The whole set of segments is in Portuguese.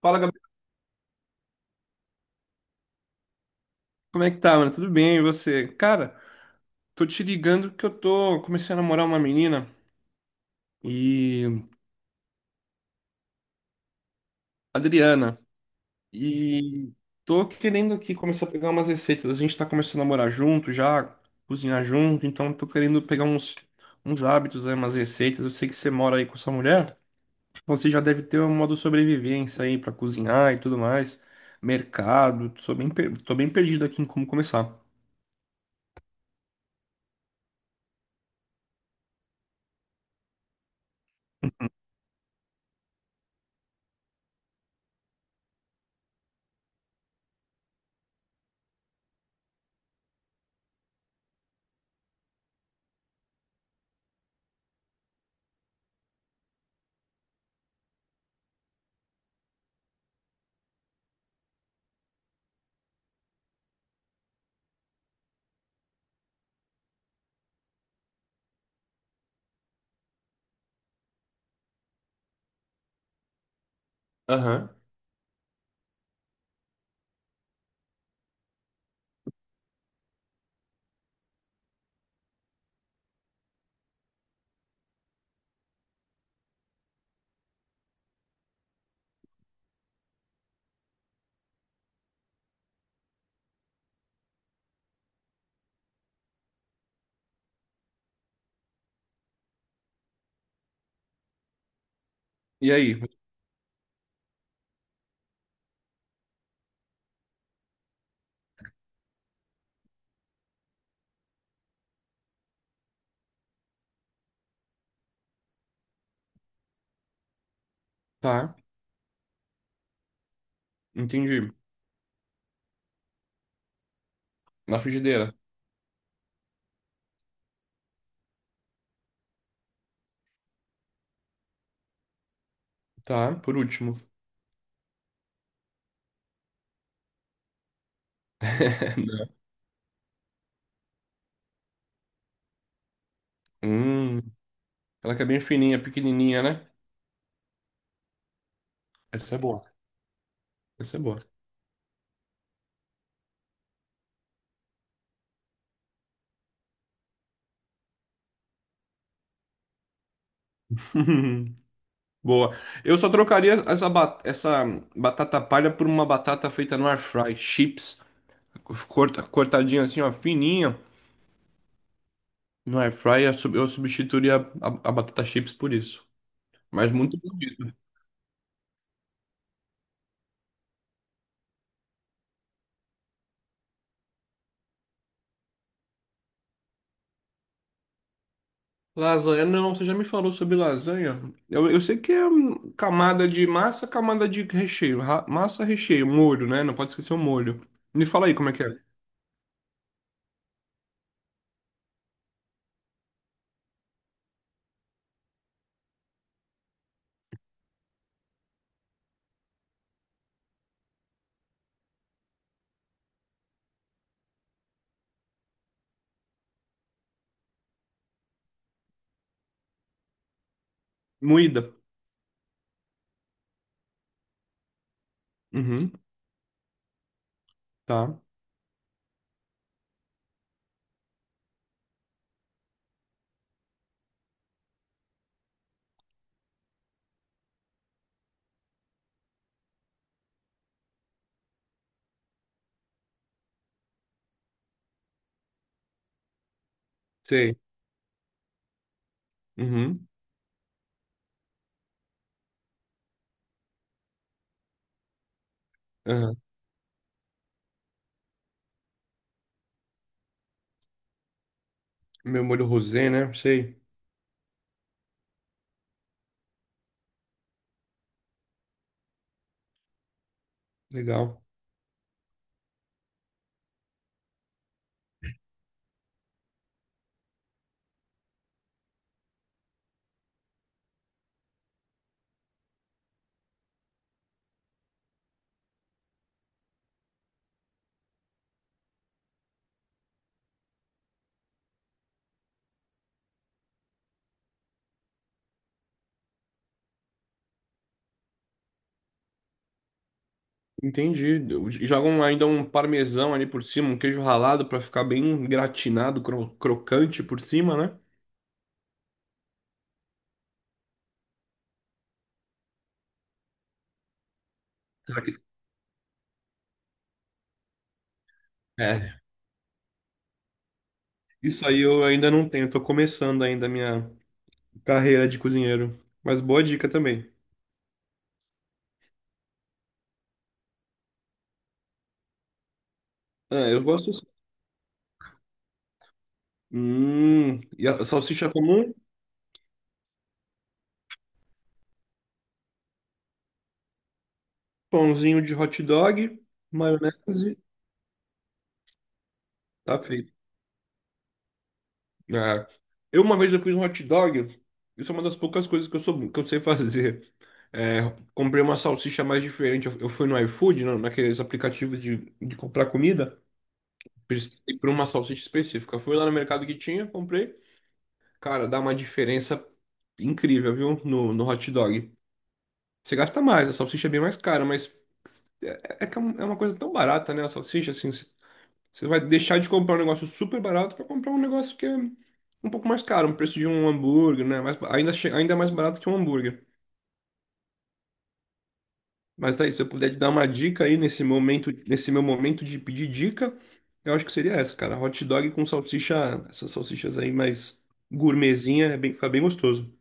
Fala, Gabriel, como é que tá, mano? Tudo bem, e você? Cara, tô te ligando que eu tô comecei a namorar uma menina e Adriana. E tô querendo aqui começar a pegar umas receitas. A gente tá começando a morar junto já, cozinhar junto, então tô querendo pegar uns hábitos, aí, umas receitas. Eu sei que você mora aí com sua mulher, então você já deve ter um modo de sobrevivência aí pra cozinhar e tudo mais. Mercado, tô bem perdido aqui em como começar. Aham. E aí? Tá, entendi. Na frigideira. Tá, por último. Não. Hum, ela que é bem fininha, pequenininha, né? Essa é boa. Essa é boa. Boa. Eu só trocaria essa batata palha por uma batata feita no air fry, chips, cortadinha assim, ó, fininha. No air fry eu substituiria a batata chips por isso. Mas muito bom. Lasanha, não, você já me falou sobre lasanha. Eu sei que é camada de massa, camada de recheio. Massa, recheio, molho, né? Não pode esquecer o molho. Me fala aí como é que é. Moída. Uhum, tá. Sei. Uhum. Aham. Meu molho rosé, né? Sei. Legal. Entendi. Eu, jogam ainda um parmesão ali por cima, um queijo ralado pra ficar bem gratinado, crocante por cima, né? Será que, é. Isso aí eu ainda não tenho, tô começando ainda a minha carreira de cozinheiro. Mas boa dica também. Ah, eu gosto assim. E a salsicha comum, pãozinho de hot dog, maionese, tá feito. Ah, eu uma vez eu fiz um hot dog. Isso é uma das poucas coisas que eu sei fazer. É, comprei uma salsicha mais diferente. Eu fui no iFood, naqueles aplicativos de comprar comida. Pesquisei por uma salsicha específica. Fui lá no mercado que tinha, comprei. Cara, dá uma diferença incrível, viu? No hot dog. Você gasta mais, a salsicha é bem mais cara, mas é que é uma coisa tão barata, né? A salsicha, assim, você vai deixar de comprar um negócio super barato para comprar um negócio que é um pouco mais caro, um preço de um hambúrguer, né? Mais, ainda, ainda mais barato que um hambúrguer. Mas daí, se eu puder te dar uma dica aí nesse momento, nesse meu momento de pedir dica, eu acho que seria essa, cara. Hot dog com salsicha, essas salsichas aí mais gourmetzinha, é bem, fica bem gostoso.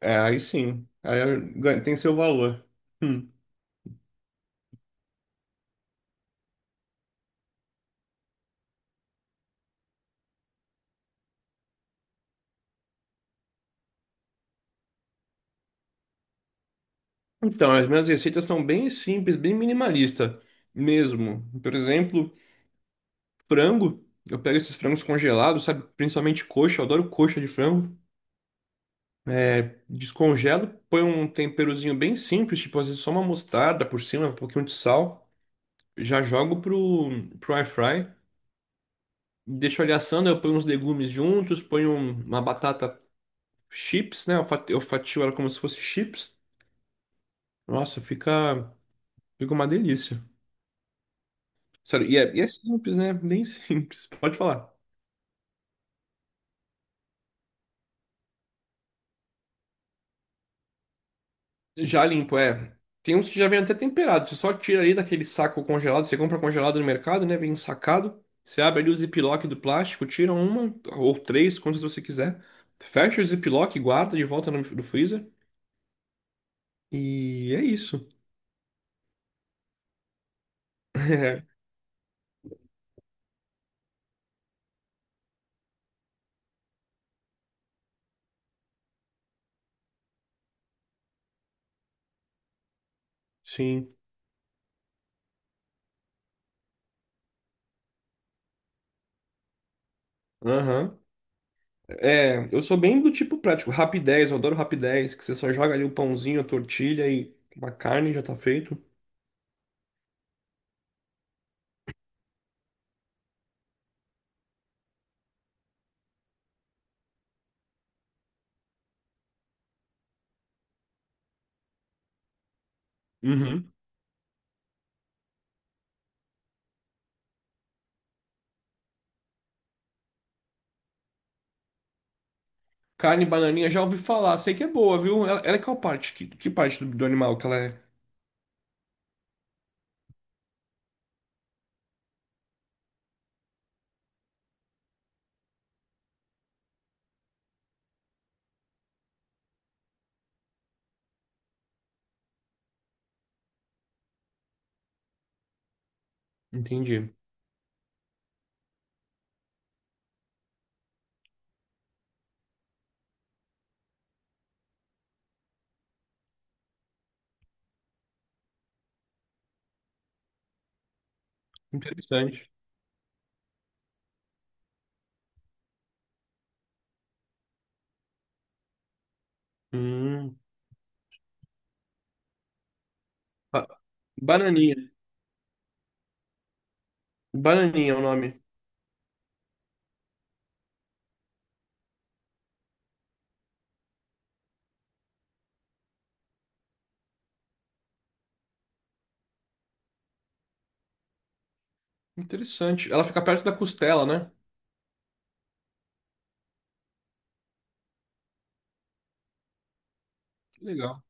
É, aí sim, tem seu valor. Hum. Então, as minhas receitas são bem simples, bem minimalista mesmo. Por exemplo, frango. Eu pego esses frangos congelados, sabe? Principalmente coxa, eu adoro coxa de frango. É, descongelo, ponho um temperozinho bem simples, tipo às vezes só uma mostarda por cima, um pouquinho de sal. Já jogo pro air fry. Deixo ele assando, eu ponho uns legumes juntos, uma batata chips, né? Eu fatio ela como se fosse chips. Nossa, fica uma delícia. Sério, e é simples, né? Bem simples. Pode falar. Já limpo, é. Tem uns que já vem até temperado. Você só tira ali daquele saco congelado. Você compra congelado no mercado, né? Vem sacado. Você abre ali o ziplock do plástico, tira uma ou três, quantas você quiser. Fecha o ziplock, guarda de volta no freezer. E é isso. É, sim. Aham. É, eu sou bem do tipo prático. Rapidez, eu adoro rapidez, que você só joga ali o pãozinho, a tortilha e uma carne já tá feito. Uhum. Carne bananinha, já ouvi falar, sei que é boa, viu? Ela é qual parte? Que parte do animal que ela é? Entendi. Interessante. Hum. Ba- Bananinha. Bananinha é o nome. Interessante. Ela fica perto da costela, né? Que legal.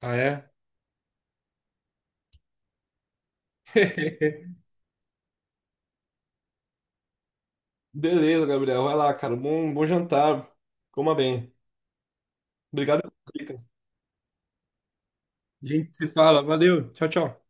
Ah, é? Beleza, Gabriel. Vai lá, cara. Bom, bom jantar. Coma bem. Obrigado pelas dicas. A gente se fala. Valeu. Tchau, tchau.